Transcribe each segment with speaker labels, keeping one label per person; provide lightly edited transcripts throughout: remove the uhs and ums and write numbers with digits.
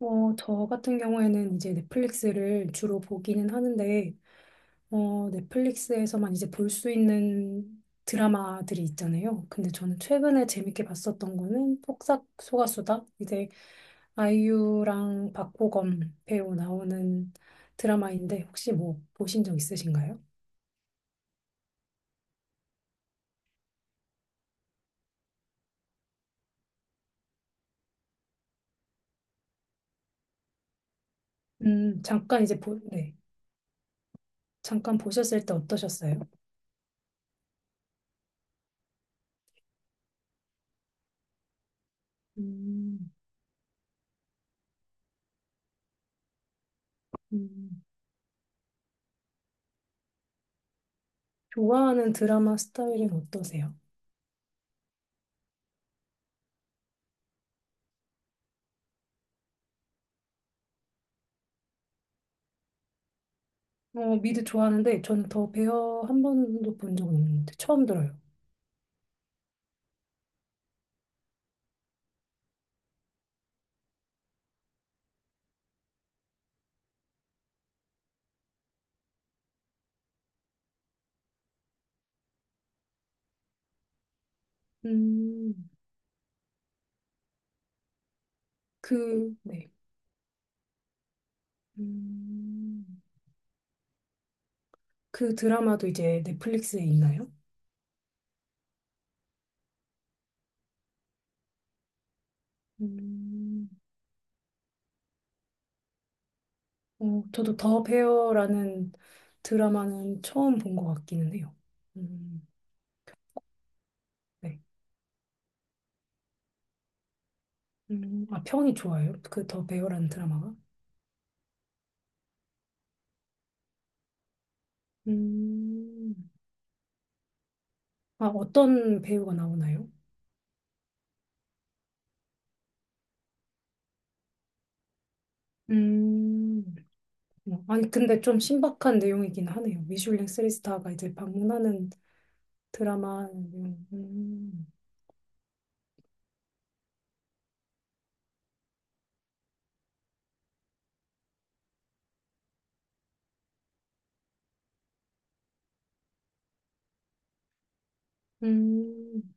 Speaker 1: 저 같은 경우에는 이제 넷플릭스를 주로 보기는 하는데, 넷플릭스에서만 이제 볼 수 있는 드라마들이 있잖아요. 근데 저는 최근에 재밌게 봤었던 거는 폭삭 소가수다. 이제 아이유랑 박보검 배우 나오는 드라마인데, 혹시 뭐 보신 적 있으신가요? 네. 잠깐 보셨을 때 어떠셨어요? 음, 음. 좋아하는 드라마 스타일은 어떠세요? 미드 좋아하는데 저는 더 베어 한 번도 본 적은 없는데 처음 들어요. 음, 그, 네. 음, 그 드라마도 이제 넷플릭스에 있나요? 음, 저도 더 베어라는 드라마는 처음 본 것 같기는 해요. 음, 네. 아, 평이 좋아요? 그 더 베어라는 드라마가? 음, 아, 어떤 배우가 나오나요? 음, 뭐, 아니, 근데 좀 신박한 내용이긴 하네요. 미슐랭 3스타가 이제 방문하는 드라마 내용. 음,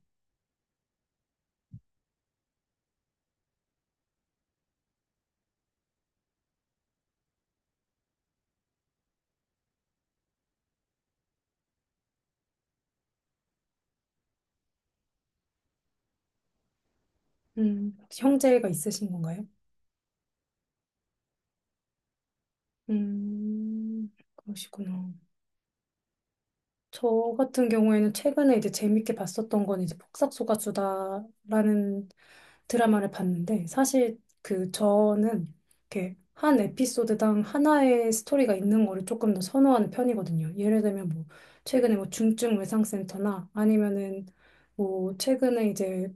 Speaker 1: 형제가 있으신 건가요? 음, 그러시구나. 저 같은 경우에는 최근에 이제 재밌게 봤었던 건 이제 폭삭소가수다라는 드라마를 봤는데 사실 그 저는 이렇게 한 에피소드당 하나의 스토리가 있는 거를 조금 더 선호하는 편이거든요. 예를 들면 뭐 최근에 뭐 중증 외상센터나 아니면은 뭐 최근에 이제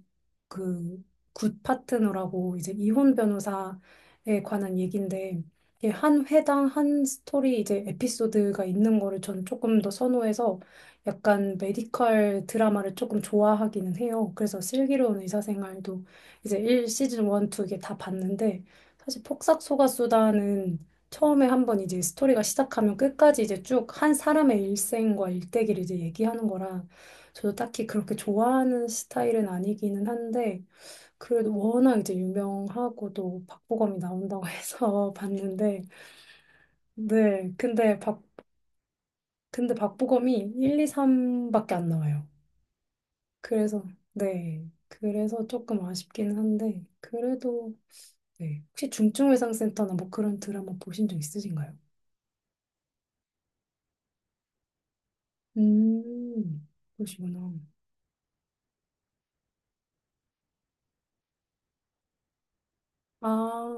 Speaker 1: 그 굿 파트너라고 이제 이혼 변호사에 관한 얘기인데 이게 한 회당 한 스토리 이제 에피소드가 있는 거를 저는 조금 더 선호해서 약간 메디컬 드라마를 조금 좋아하기는 해요. 그래서 슬기로운 의사생활도 이제 1 시즌 1, 2 이게 다 봤는데 사실 폭삭소가수다는 처음에 한번 이제 스토리가 시작하면 끝까지 이제 쭉 한 사람의 일생과 일대기를 이제 얘기하는 거라 저도 딱히 그렇게 좋아하는 스타일은 아니기는 한데 그래도 워낙 이제 유명하고 또 박보검이 나온다고 해서 봤는데, 네. 근데 박보검이 1, 2, 3밖에 안 나와요. 그래서, 네. 그래서 조금 아쉽긴 한데, 그래도, 네. 혹시 중증외상센터나 뭐 그런 드라마 보신 적 있으신가요? 음, 그러시구나. 아,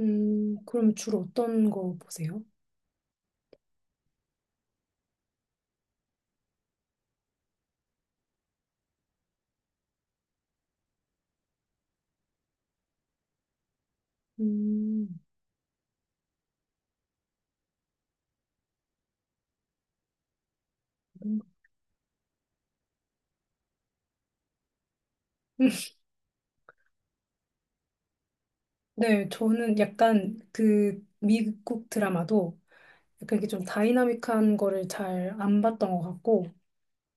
Speaker 1: 그럼 주로 어떤 거 보세요? 음. 네, 저는 약간 그 미국 드라마도 약간 이게 좀 다이나믹한 거를 잘 안 봤던 것 같고,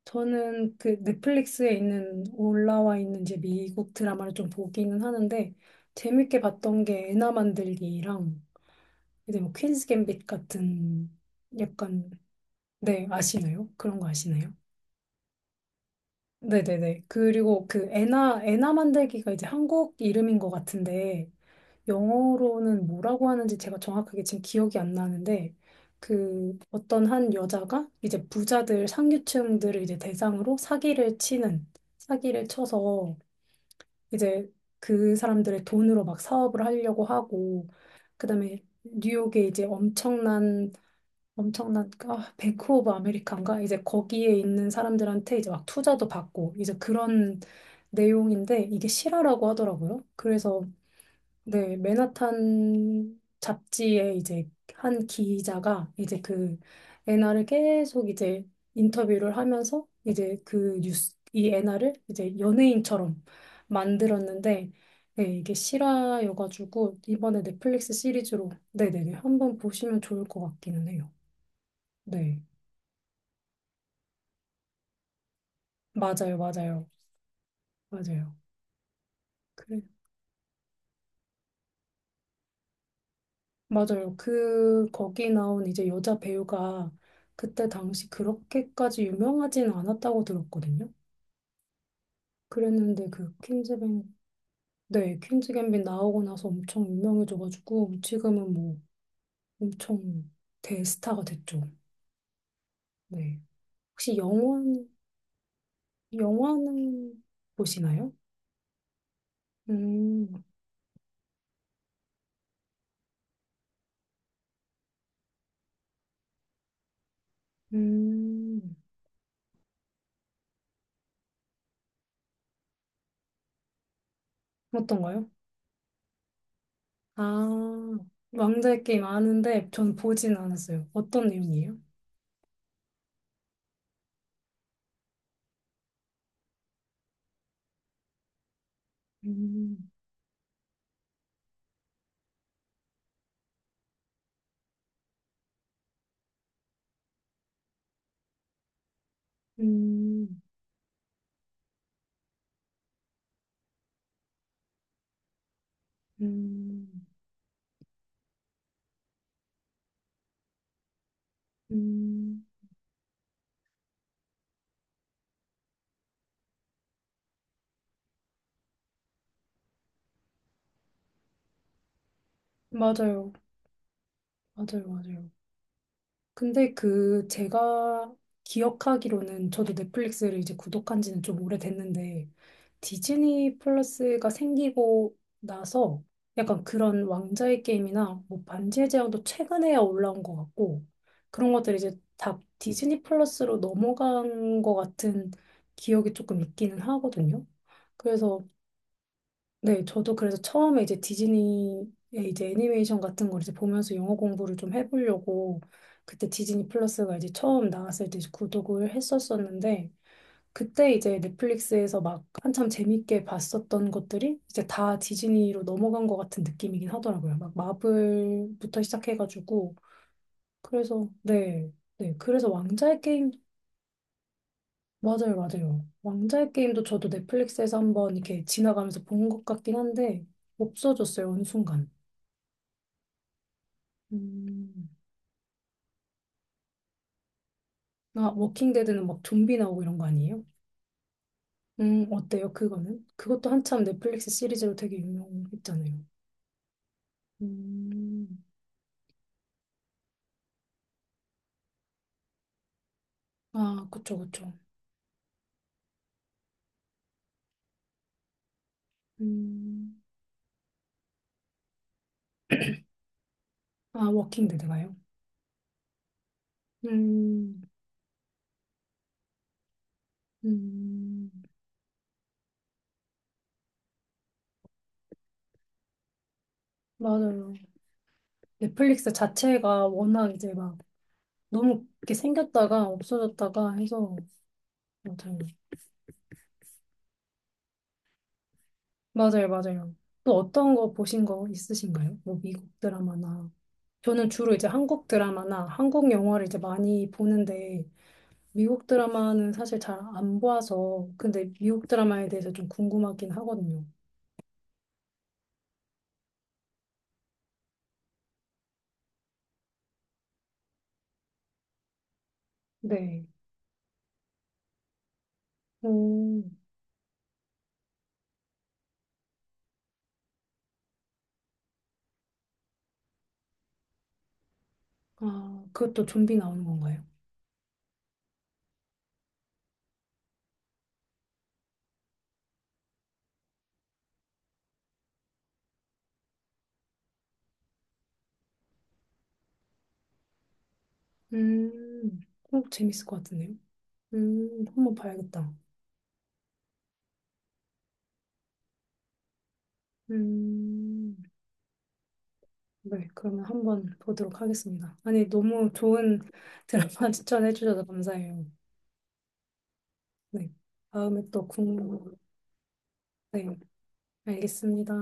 Speaker 1: 저는 그 넷플릭스에 있는, 올라와 있는 이제 미국 드라마를 좀 보기는 하는데, 재밌게 봤던 게 애나 만들기랑, 이제 뭐 퀸스 갬빗 같은, 약간, 네, 아시나요? 그런 거 아시나요? 네네네. 그리고 그 애나 만들기가 이제 한국 이름인 것 같은데, 영어로는 뭐라고 하는지 제가 정확하게 지금 기억이 안 나는데 그 어떤 한 여자가 이제 부자들 상류층들을 이제 대상으로 사기를 쳐서 이제 그 사람들의 돈으로 막 사업을 하려고 하고 그다음에 뉴욕에 이제 엄청난 뱅크 오브 아메리칸가 이제 거기에 있는 사람들한테 이제 막 투자도 받고 이제 그런 내용인데 이게 실화라고 하더라고요. 그래서 네, 맨하탄 잡지에 이제 한 기자가 이제 그 애나를 계속 이제 인터뷰를 하면서 이제 이 애나를 이제 연예인처럼 만들었는데, 네, 이게 실화여가지고 이번에 넷플릭스 시리즈로, 네네네, 한번 보시면 좋을 것 같기는 해요. 네, 맞아요, 맞아요, 맞아요. 그래 맞아요. 거기 나온 이제 여자 배우가 그때 당시 그렇게까지 유명하진 않았다고 들었거든요. 그랬는데 그 퀸즈뱅, 네, 퀸즈 갬빗 나오고 나서 엄청 유명해져가지고 지금은 뭐 엄청 대스타가 됐죠. 네. 혹시 영화는, 보시나요? 음, 음, 어떤가요? 아, 왕좌의 게임 아는데 전 보진 않았어요. 어떤 내용이에요? 음, 음. 음, 음, 맞아요. 맞아요. 맞아요. 근데 그 제가 기억하기로는 저도 넷플릭스를 이제 구독한 지는 좀 오래됐는데 디즈니 플러스가 생기고 나서 약간 그런 왕자의 게임이나 뭐 반지의 제왕도 최근에야 올라온 것 같고 그런 것들이 이제 다 디즈니 플러스로 넘어간 것 같은 기억이 조금 있기는 하거든요. 그래서 네, 저도 그래서 처음에 이제 디즈니의 이제 애니메이션 같은 걸 이제 보면서 영어 공부를 좀 해보려고 그때 디즈니 플러스가 이제 처음 나왔을 때 이제 구독을 했었었는데 그때 이제 넷플릭스에서 막 한참 재밌게 봤었던 것들이 이제 다 디즈니로 넘어간 것 같은 느낌이긴 하더라고요. 막 마블부터 시작해가지고 그래서 네, 네, 그래서 왕자의 게임 맞아요, 맞아요. 왕자의 게임도 저도 넷플릭스에서 한번 이렇게 지나가면서 본 것 같긴 한데 없어졌어요, 어느 순간. 음. 아, 워킹데드는 막 좀비 나오고 이런 거 아니에요? 어때요, 그거는? 그것도 한참 넷플릭스 시리즈로 되게 유명했잖아요. 음. 아, 그쵸, 그쵸. 음. 아, 워킹데드가요? 음, 음, 맞아요. 넷플릭스 자체가 워낙 이제 막 너무 이렇게 생겼다가 없어졌다가 해서 맞아요. 맞아요, 맞아요. 또 어떤 거 보신 거 있으신가요? 뭐 미국 드라마나. 저는 주로 이제 한국 드라마나 한국 영화를 이제 많이 보는데 미국 드라마는 사실 잘 안 봐서 근데 미국 드라마에 대해서 좀 궁금하긴 하거든요. 네. 오, 아, 그것도 좀비 나오는 건가요? 음, 재밌을 것 같은데요? 한번 봐야겠다. 음, 네, 그러면 한번 보도록 하겠습니다. 아니, 너무 좋은 드라마 추천해 주셔서 감사해요. 네. 다음에 또 네. 알겠습니다.